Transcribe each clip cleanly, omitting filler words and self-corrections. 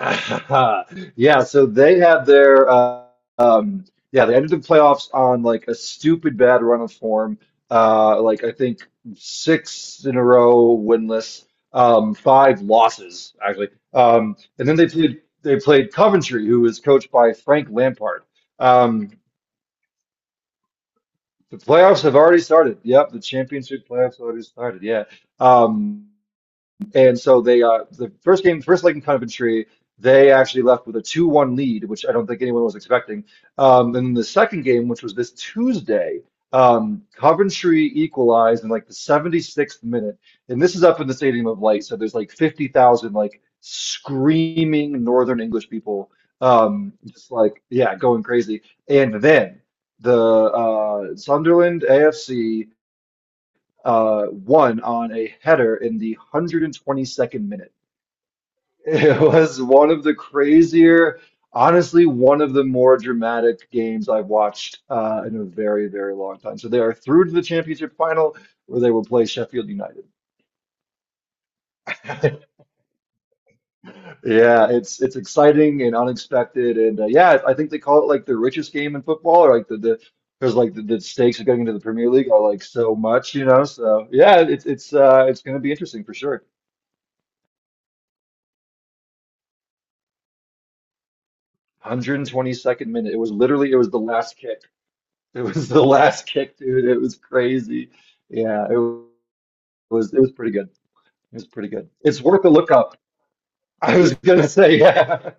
Yeah, so they had um yeah, they ended the playoffs on like a stupid bad run of form. Like I think six in a row winless, five losses actually. And then they played Coventry, who was coached by Frank Lampard. Um the playoffs have already started. Yep, the championship playoffs already started. Yeah. Um and so the first game, first leg in Coventry, they actually left with a 2-1 lead, which I don't think anyone was expecting. And the second game, which was this Tuesday, Coventry equalized in like the 76th minute. And this is up in the Stadium of Light, so there's like 50,000 like screaming Northern English people, just like yeah, going crazy. And then the Sunderland AFC one on a header in the 122nd minute. It was one of the crazier, honestly, one of the more dramatic games I've watched in a very, very long time. So they are through to the championship final, where they will play Sheffield United. Yeah, it's exciting and unexpected, and yeah, I think they call it like the richest game in football, or like the because like the stakes of getting into the Premier League are like so much, you know. So yeah, it's going to be interesting for sure. 122nd minute. It was literally, it was the last kick. It was the last kick, dude. It was crazy. Yeah, it was pretty good. It was pretty good. It's worth a look up. I was gonna say, yeah.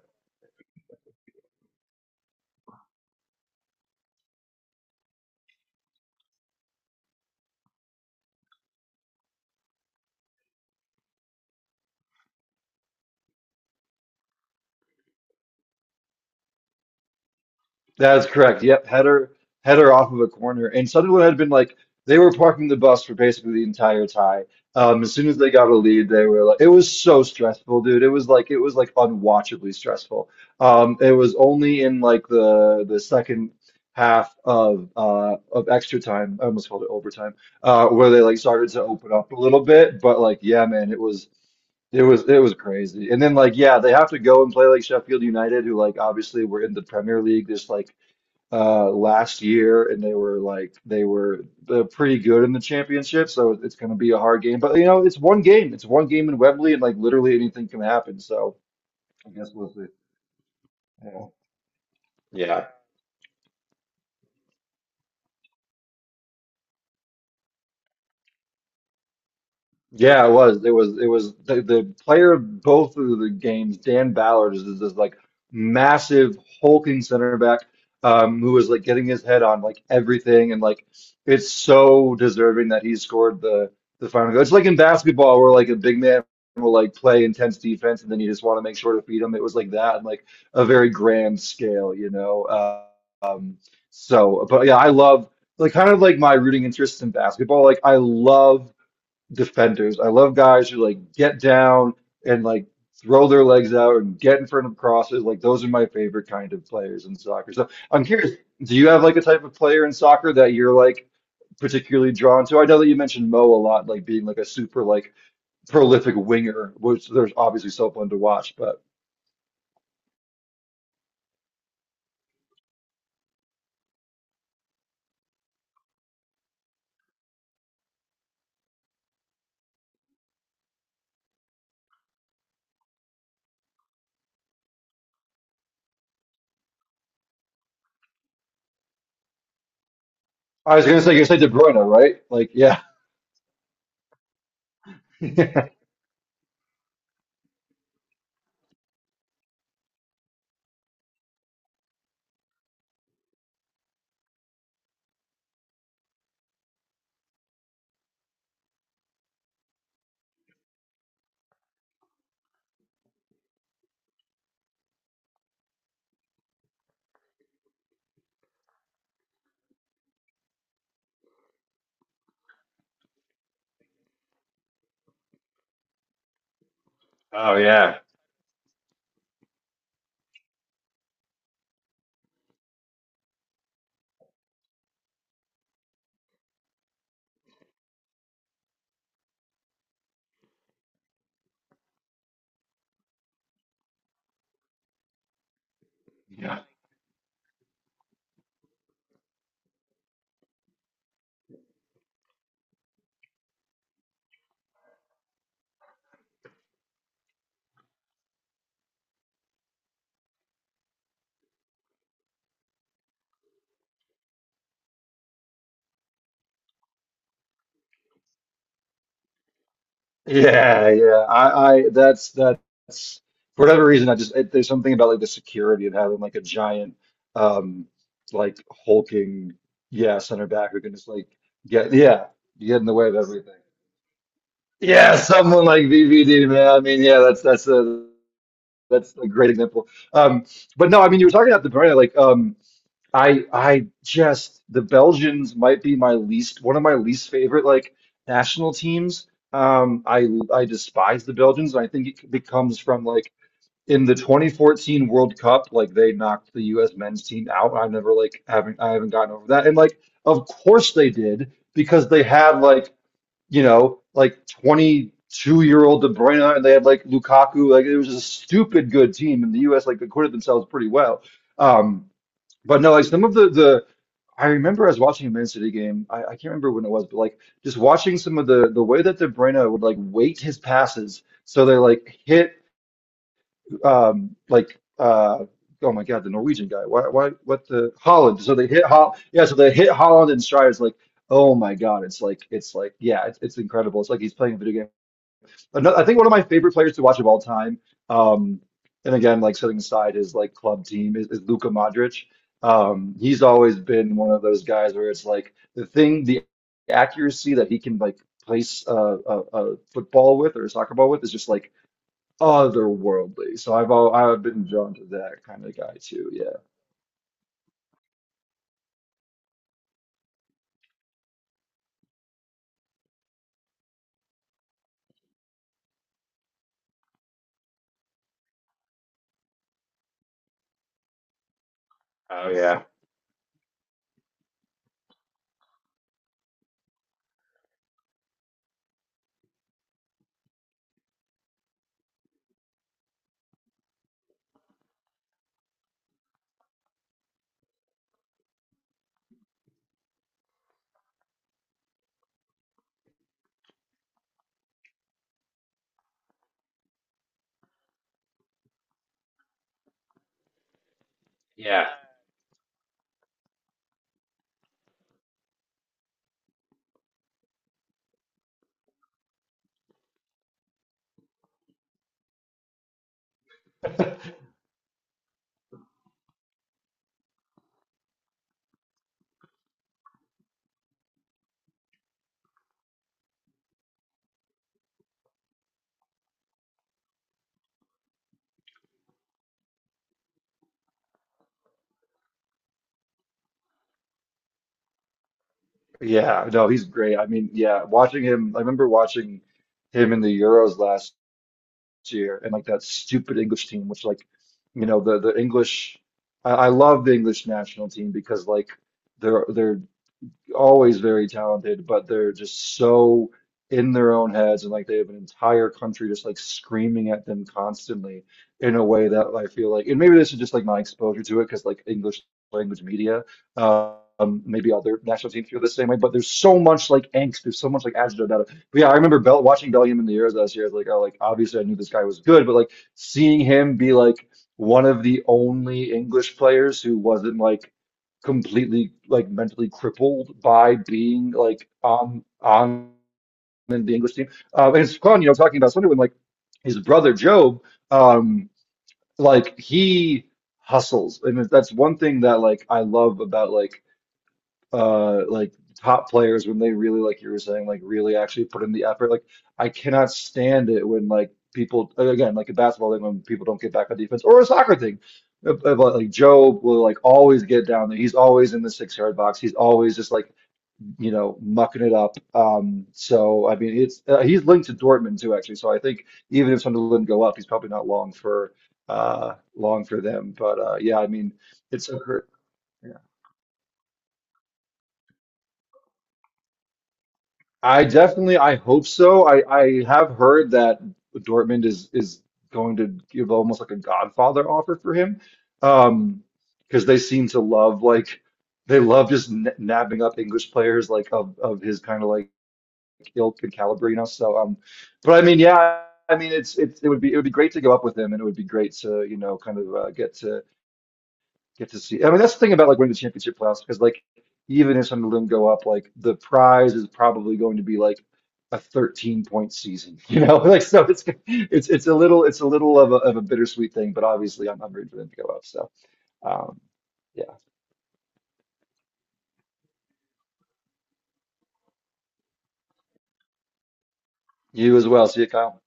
That's correct. Yep, header off of a corner, and Sunderland had been like they were parking the bus for basically the entire tie. As soon as they got a lead, they were like, it was so stressful, dude. It was like unwatchably stressful. It was only in like the second half of extra time, I almost called it overtime, where they like started to open up a little bit. But like, yeah, man, it was. It was crazy. And then like yeah, they have to go and play like Sheffield United, who like obviously were in the Premier League this like last year, and they were pretty good in the championship, so it's going to be a hard game. But you know, it's one game in Wembley, and like literally anything can happen. So I guess we'll see. Yeah. Yeah. Yeah, it was. It was. It was the player of both of the games. Dan Ballard is this like massive hulking center back, who is like getting his head on like everything, and like it's so deserving that he scored the final goal. It's like in basketball where like a big man will like play intense defense, and then you just want to make sure to feed him. It was like that, and like a very grand scale, you know. Um, so, but yeah, I love like kind of like my rooting interests in basketball. Like I love defenders. I love guys who like get down and like throw their legs out and get in front of crosses. Like those are my favorite kind of players in soccer. So I'm curious, do you have like a type of player in soccer that you're like particularly drawn to? I know that you mentioned Mo a lot, like being like a super like prolific winger, which there's obviously so fun to watch. But I was gonna say, you said De Bruyne, right? Like yeah. Oh yeah. Yeah, yeah. I that's for whatever reason, I just it, there's something about like the security of having like a giant um like hulking, yeah, center back who can just like get yeah get in the way of everything. Yeah, someone like VVD, man. I mean, yeah, that's a great example. Um, but no, I mean, you were talking about the Bruyne like. I just, the Belgians might be my least, one of my least favorite like national teams. Um, I I despise the Belgians. And I think it becomes from like in the 2014 World Cup, like they knocked the U.S. men's team out. I've never like, haven't I haven't gotten over that. And like of course they did because they had like, you know, like, 22-year-old De Bruyne, and they had like Lukaku. Like it was a stupid good team, and the U.S. like acquitted themselves pretty well. Um. But no, like some of the I remember I was watching a Man City game. I can't remember when it was, but like, just watching some of the way that De Bruyne would like weight his passes so they like hit um like uh oh my God, the Norwegian guy, why what, the Holland, so they hit Hol yeah so they hit Holland and Strides, like, oh my God, it's like, yeah, it's incredible, it's like he's playing a video game. Another, I think, one of my favorite players to watch of all time, um, and again, like setting aside his like club team, is Luka Modric. He's always been one of those guys where it's like the thing, the accuracy that he can like place a football with, or a soccer ball with, is just like otherworldly. So I've been drawn to that kind of guy too. Yeah. Oh yeah. Yeah. Yeah, no, he's great. I mean, yeah, watching him, I remember watching him in the Euros last year, and like that stupid English team, which, like, you know, the English, I love the English national team, because like they're always very talented, but they're just so in their own heads, and like they have an entire country just like screaming at them constantly, in a way that I feel like, and maybe this is just like my exposure to it because like English language media, maybe other national teams feel the same way. But there's so much like angst, there's so much like agita about it. But yeah, I remember Bellingham in the Euros last year. I was like, oh, like, obviously I knew this guy was good, but like seeing him be like one of the only English players who wasn't like completely like mentally crippled by being like on the English team. And it's fun, you know, talking about Sunderland, like his brother Job, um, like he hustles, and that's one thing that like I love about like top players when they really like, you were saying, like really actually put in the effort. Like I cannot stand it when like people, again like a basketball thing, when people don't get back on defense, or a soccer thing. If, Like Joe will like always get down there, he's always in the 6-yard box, he's always just like, you know, mucking it up. So I mean, it's he's linked to Dortmund too, actually. So I think even if Sunderland didn't go up, he's probably not long for them. But yeah, I mean, it's a hurt. I definitely, I hope so. I have heard that Dortmund is going to give almost like a Godfather offer for him, um, because they seem to love like they love just n nabbing up English players like of his kind of like ilk and caliber, you know. So but I mean, yeah, I mean, it would be great to go up with him, and it would be great to, you know, kind of get to see. I mean, that's the thing about like winning the championship playoffs, because like even if some of them go up, like the prize is probably going to be like a 13 point season, you know? Like so, it's a little of a bittersweet thing, but obviously I'm rooting for them to go up. So um, yeah, you as well. See you, Kyle.